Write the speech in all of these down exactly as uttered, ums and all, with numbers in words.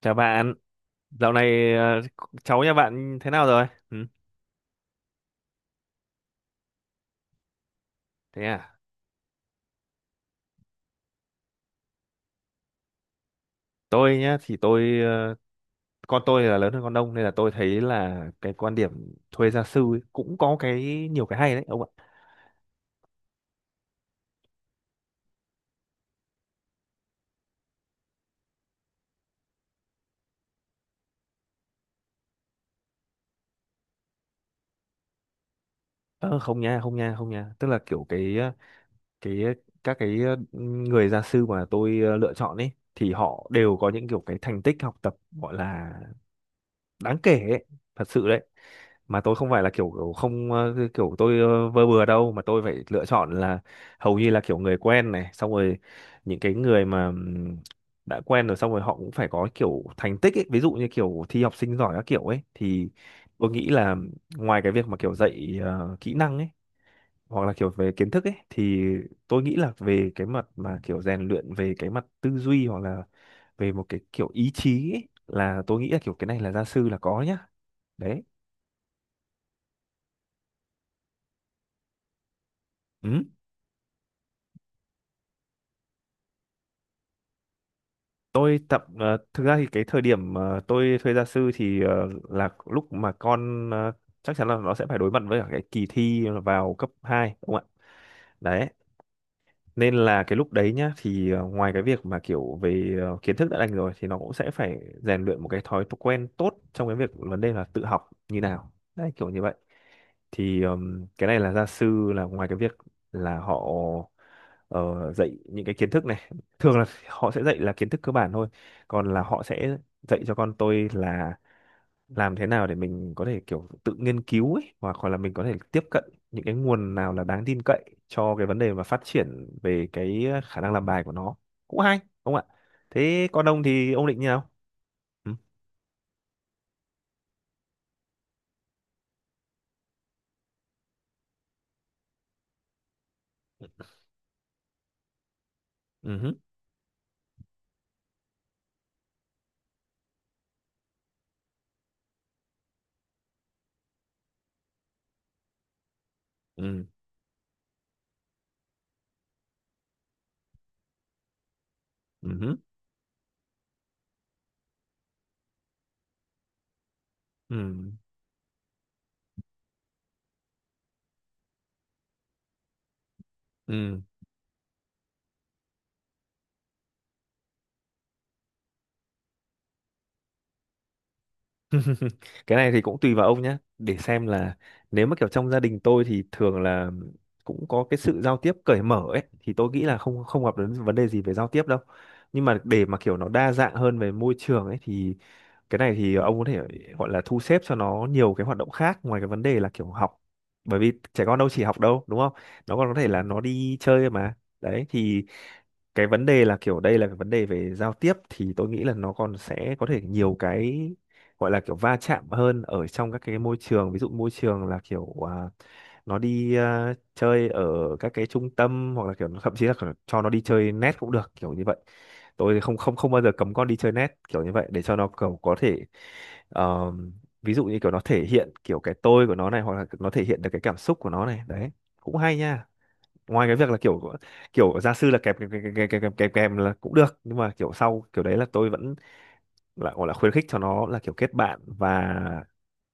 Chào bạn, dạo này ờ, cháu nhà bạn thế nào rồi? Ừ, thế à? Tôi nhá thì tôi ờ, con tôi là lớn hơn con Đông nên là tôi thấy là cái quan điểm thuê gia sư ấy cũng có cái nhiều cái hay đấy ông ạ. Ờ, Không nha, không nha, không nha. Tức là kiểu cái ờ, cái ờ, các cái ờ, người gia sư mà tôi ờ, lựa chọn ấy thì họ đều có những kiểu cái thành tích học tập gọi là đáng kể ấy, thật sự đấy. Mà tôi không phải là kiểu, kiểu không ờ, kiểu tôi ờ, vơ bừa đâu, mà tôi phải lựa chọn là hầu như là kiểu người quen này, xong rồi những cái người mà ừm, đã quen rồi, xong rồi họ cũng phải có kiểu thành tích ấy, ví dụ như kiểu thi học sinh giỏi các kiểu ấy, thì tôi nghĩ là ngoài cái việc mà kiểu dạy ờ, kỹ năng ấy hoặc là kiểu về kiến thức ấy, thì tôi nghĩ là về cái mặt mà kiểu rèn luyện về cái mặt tư duy hoặc là về một cái kiểu ý chí ấy, là tôi nghĩ là kiểu cái này là gia sư là có nhá, đấy. Ừ, tôi tập ờ, thực ra thì cái thời điểm ờ, tôi thuê gia sư thì ờ, là lúc mà con ờ, chắc chắn là nó sẽ phải đối mặt với cả cái kỳ thi vào cấp hai, đúng không ạ? Đấy, nên là cái lúc đấy nhá, thì ờ, ngoài cái việc mà kiểu về ờ, kiến thức đã đành rồi thì nó cũng sẽ phải rèn luyện một cái thói quen tốt trong cái việc vấn đề là tự học như nào đấy, kiểu như vậy, thì ừm, cái này là gia sư là ngoài cái việc là họ ờ, dạy những cái kiến thức này, thường là họ sẽ dạy là kiến thức cơ bản thôi, còn là họ sẽ dạy cho con tôi là làm thế nào để mình có thể kiểu tự nghiên cứu ấy, hoặc hoặc là mình có thể tiếp cận những cái nguồn nào là đáng tin cậy cho cái vấn đề mà phát triển về cái khả năng làm bài của nó. Cũng hay đúng không ạ? Thế con ông thì ông định như nào? Ừ, ừ, ừ, ừ, ừ, ừ, ừ. Cái này thì cũng tùy vào ông nhé, để xem là nếu mà kiểu trong gia đình tôi thì thường là cũng có cái sự giao tiếp cởi mở ấy, thì tôi nghĩ là không không gặp đến vấn đề gì về giao tiếp đâu. Nhưng mà để mà kiểu nó đa dạng hơn về môi trường ấy thì cái này thì ông có thể gọi là thu xếp cho nó nhiều cái hoạt động khác ngoài cái vấn đề là kiểu học, bởi vì trẻ con đâu chỉ học đâu, đúng không? Nó còn có thể là nó đi chơi mà. Đấy thì cái vấn đề là kiểu đây là cái vấn đề về giao tiếp thì tôi nghĩ là nó còn sẽ có thể nhiều cái gọi là kiểu va chạm hơn ở trong các cái môi trường, ví dụ môi trường là kiểu à, nó đi à, chơi ở các cái trung tâm, hoặc là kiểu thậm chí là kiểu cho nó đi chơi net cũng được, kiểu như vậy. Tôi thì không không không bao giờ cấm con đi chơi net kiểu như vậy, để cho nó kiểu có thể ờ, ví dụ như kiểu nó thể hiện kiểu cái tôi của nó này, hoặc là nó thể hiện được cái cảm xúc của nó này. Đấy, cũng hay nha. Ngoài cái việc là kiểu kiểu gia sư là kèm kèm kèm kèm kèm kèm kèm kèm là cũng được, nhưng mà kiểu sau kiểu đấy là tôi vẫn là gọi là khuyến khích cho nó là kiểu kết bạn, và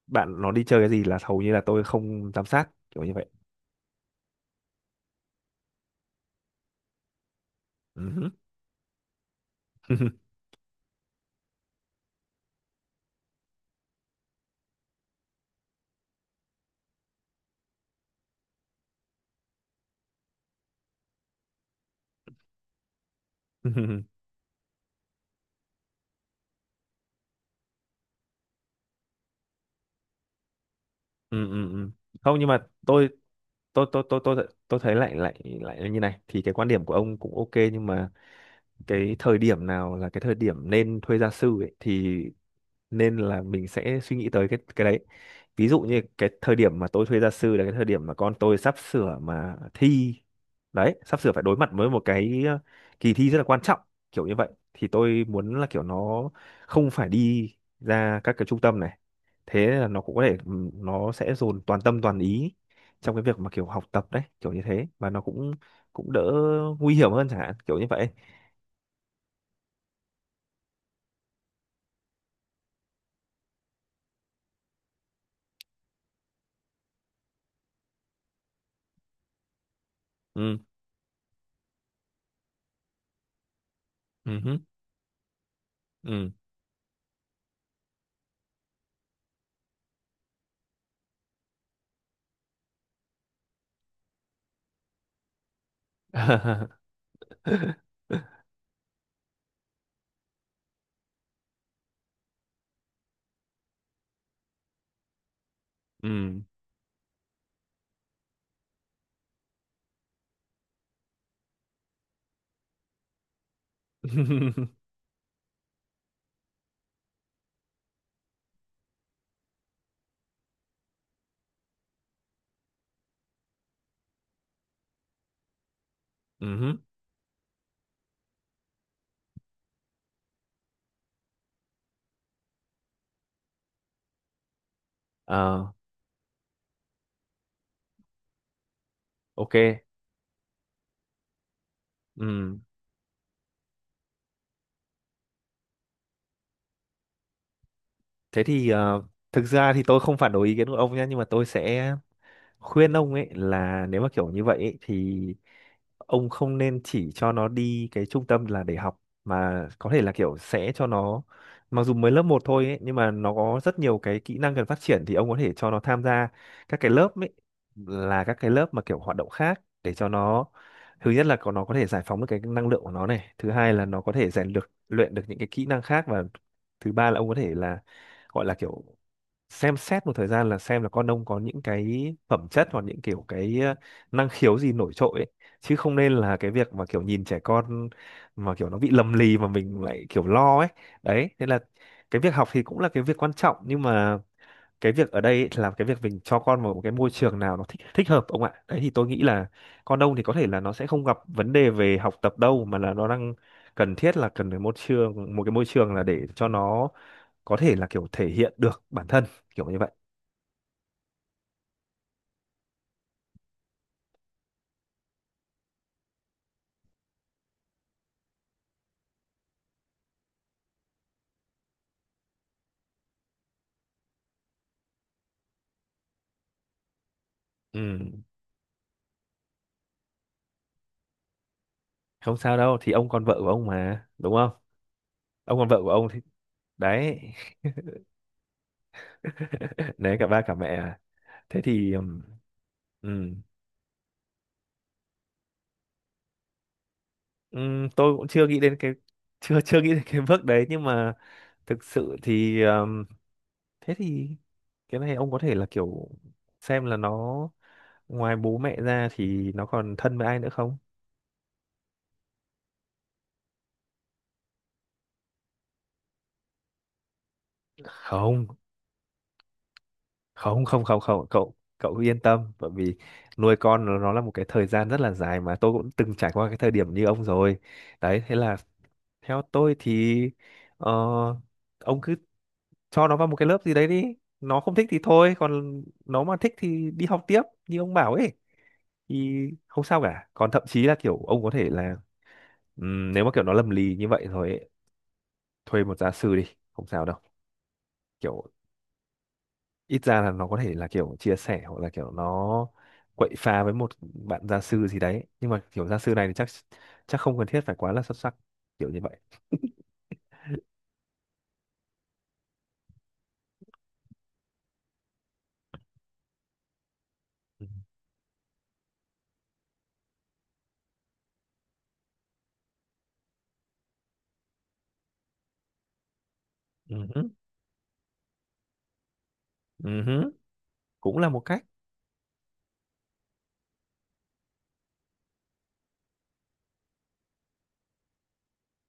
bạn nó đi chơi cái gì là hầu như là tôi không giám sát kiểu như vậy. Ừ. Ừ, ừ, ừ. Không, nhưng mà tôi tôi tôi tôi tôi tôi thấy lại lại lại là như này thì cái quan điểm của ông cũng ok nhưng mà cái thời điểm nào là cái thời điểm nên thuê gia sư ấy thì nên là mình sẽ suy nghĩ tới cái cái đấy. Ví dụ như cái thời điểm mà tôi thuê gia sư là cái thời điểm mà con tôi sắp sửa mà thi, đấy, sắp sửa phải đối mặt với một cái ờ, kỳ thi rất là quan trọng, kiểu như vậy thì tôi muốn là kiểu nó không phải đi ra các cái trung tâm này, thế là nó cũng có thể ừm, nó sẽ dồn toàn tâm toàn ý trong cái việc mà kiểu học tập, đấy kiểu như thế, và nó cũng cũng đỡ nguy hiểm hơn chẳng hạn kiểu như vậy. Ừ, ừ hứ, ừ. Ừ. Ừ. Ờ, ok. Ừ. Thế thì ờ, thực ra thì tôi không phản đối ý kiến của ông nhé, nhưng mà tôi sẽ khuyên ông ấy là nếu mà kiểu như vậy ấy, thì ông không nên chỉ cho nó đi cái trung tâm là để học, mà có thể là kiểu sẽ cho nó, mặc dù mới lớp một thôi ấy, nhưng mà nó có rất nhiều cái kỹ năng cần phát triển thì ông có thể cho nó tham gia các cái lớp ấy, là các cái lớp mà kiểu hoạt động khác để cho nó, thứ nhất là có nó có thể giải phóng được cái năng lượng của nó này, thứ hai là nó có thể rèn được luyện được những cái kỹ năng khác, và thứ ba là ông có thể là gọi là kiểu xem xét một thời gian là xem là con ông có những cái phẩm chất hoặc những kiểu cái ờ, năng khiếu gì nổi trội ấy. Chứ không nên là cái việc mà kiểu nhìn trẻ con mà kiểu nó bị lầm lì mà mình lại kiểu lo ấy. Đấy, thế là cái việc học thì cũng là cái việc quan trọng nhưng mà cái việc ở đây ấy là cái việc mình cho con vào một cái môi trường nào nó thích thích hợp ông ạ. Đấy thì tôi nghĩ là con ông thì có thể là nó sẽ không gặp vấn đề về học tập đâu, mà là nó đang cần thiết là cần phải môi trường, một cái môi trường là để cho nó có thể là kiểu thể hiện được bản thân kiểu như vậy. Ừ, không sao đâu, thì ông còn vợ của ông mà, đúng không? Ông còn vợ của ông thì đấy. Đấy cả ba cả mẹ à. Thế thì ừm, ừm, ừm, tôi cũng chưa nghĩ đến cái chưa chưa nghĩ đến cái bước đấy nhưng mà thực sự thì ừm, thế thì cái này ông có thể là kiểu xem là nó ngoài bố mẹ ra thì nó còn thân với ai nữa không? Không, không không không không cậu cậu cứ yên tâm, bởi vì nuôi con nó, nó là một cái thời gian rất là dài mà tôi cũng từng trải qua cái thời điểm như ông rồi. Đấy thế là theo tôi thì ờ, ông cứ cho nó vào một cái lớp gì đấy đi, nó không thích thì thôi, còn nó mà thích thì đi học tiếp như ông bảo ấy thì không sao cả. Còn thậm chí là kiểu ông có thể là ừm, nếu mà kiểu nó lầm lì như vậy rồi ấy, thuê một gia sư đi, không sao đâu, kiểu ít ra là nó có thể là kiểu chia sẻ hoặc là kiểu nó quậy phá với một bạn gia sư gì đấy, nhưng mà kiểu gia sư này thì chắc chắc không cần thiết phải quá là xuất sắc kiểu như vậy. Ừ. Ừ. Ừ. Cũng là một cách.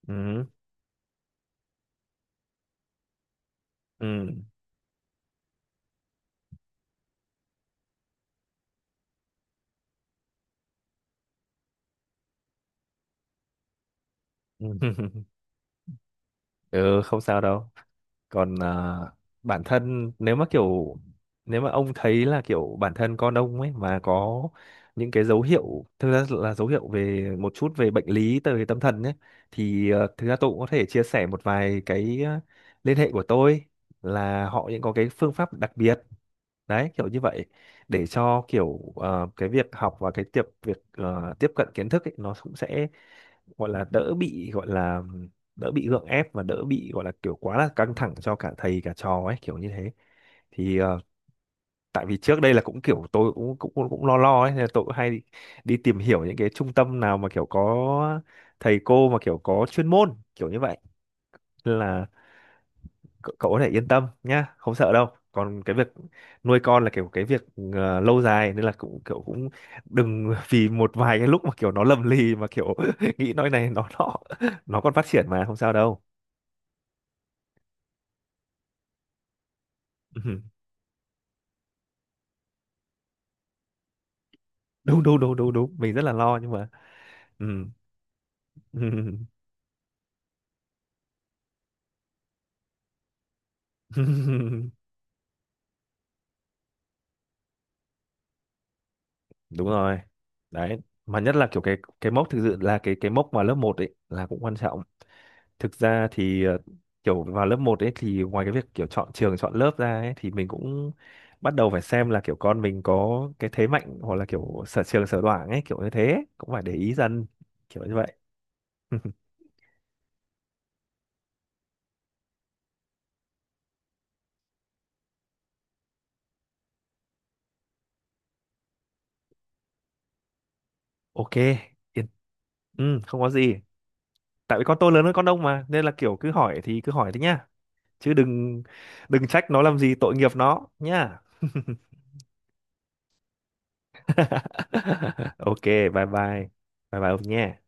Ừ. Ừ. Ừ. Ừ, không sao đâu. Còn à, bản thân nếu mà kiểu, nếu mà ông thấy là kiểu bản thân con ông ấy mà có những cái dấu hiệu, thực ra là dấu hiệu về một chút về bệnh lý từ tâm thần ấy, thì ờ, thực ra tôi cũng có thể chia sẻ một vài cái ờ, liên hệ của tôi là họ những có cái phương pháp đặc biệt đấy kiểu như vậy, để cho kiểu ờ, cái việc học và cái tiệp việc ờ, tiếp cận kiến thức ấy, nó cũng sẽ gọi là đỡ bị, gọi là đỡ bị gượng ép và đỡ bị gọi là kiểu quá là căng thẳng cho cả thầy cả trò ấy kiểu như thế. Thì ờ, tại vì trước đây là cũng kiểu tôi cũng cũng cũng, cũng lo lo ấy nên là tôi cũng hay đi, đi tìm hiểu những cái trung tâm nào mà kiểu có thầy cô mà kiểu có chuyên môn kiểu như vậy. Nên là cậu, cậu có thể yên tâm nhá, không sợ đâu. Còn cái việc nuôi con là kiểu cái việc ờ, lâu dài nên là cũng kiểu cũng đừng vì một vài cái lúc mà kiểu nó lầm lì mà kiểu nghĩ nói này nó nọ, nó còn phát triển mà, không sao đâu. Ừ, đúng đúng đúng đúng đúng, mình rất là lo nhưng mà ừ. Ừ. Đúng rồi. Đấy mà nhất là kiểu cái cái mốc, thực sự là cái cái mốc mà lớp một ấy là cũng quan trọng. Thực ra thì ờ, kiểu vào lớp một ấy thì ngoài cái việc kiểu chọn trường chọn lớp ra ấy thì mình cũng bắt đầu phải xem là kiểu con mình có cái thế mạnh hoặc là kiểu sở trường sở đoản ấy, kiểu như thế ấy. Cũng phải để ý dần kiểu như vậy. Ok, yên. Ừ, không có gì. Tại vì con tôi lớn hơn con ông mà nên là kiểu cứ hỏi thì cứ hỏi thế nhá. Chứ đừng đừng trách nó làm gì tội nghiệp nó nhá. Ok, bye bye. Bye bye ông nhé.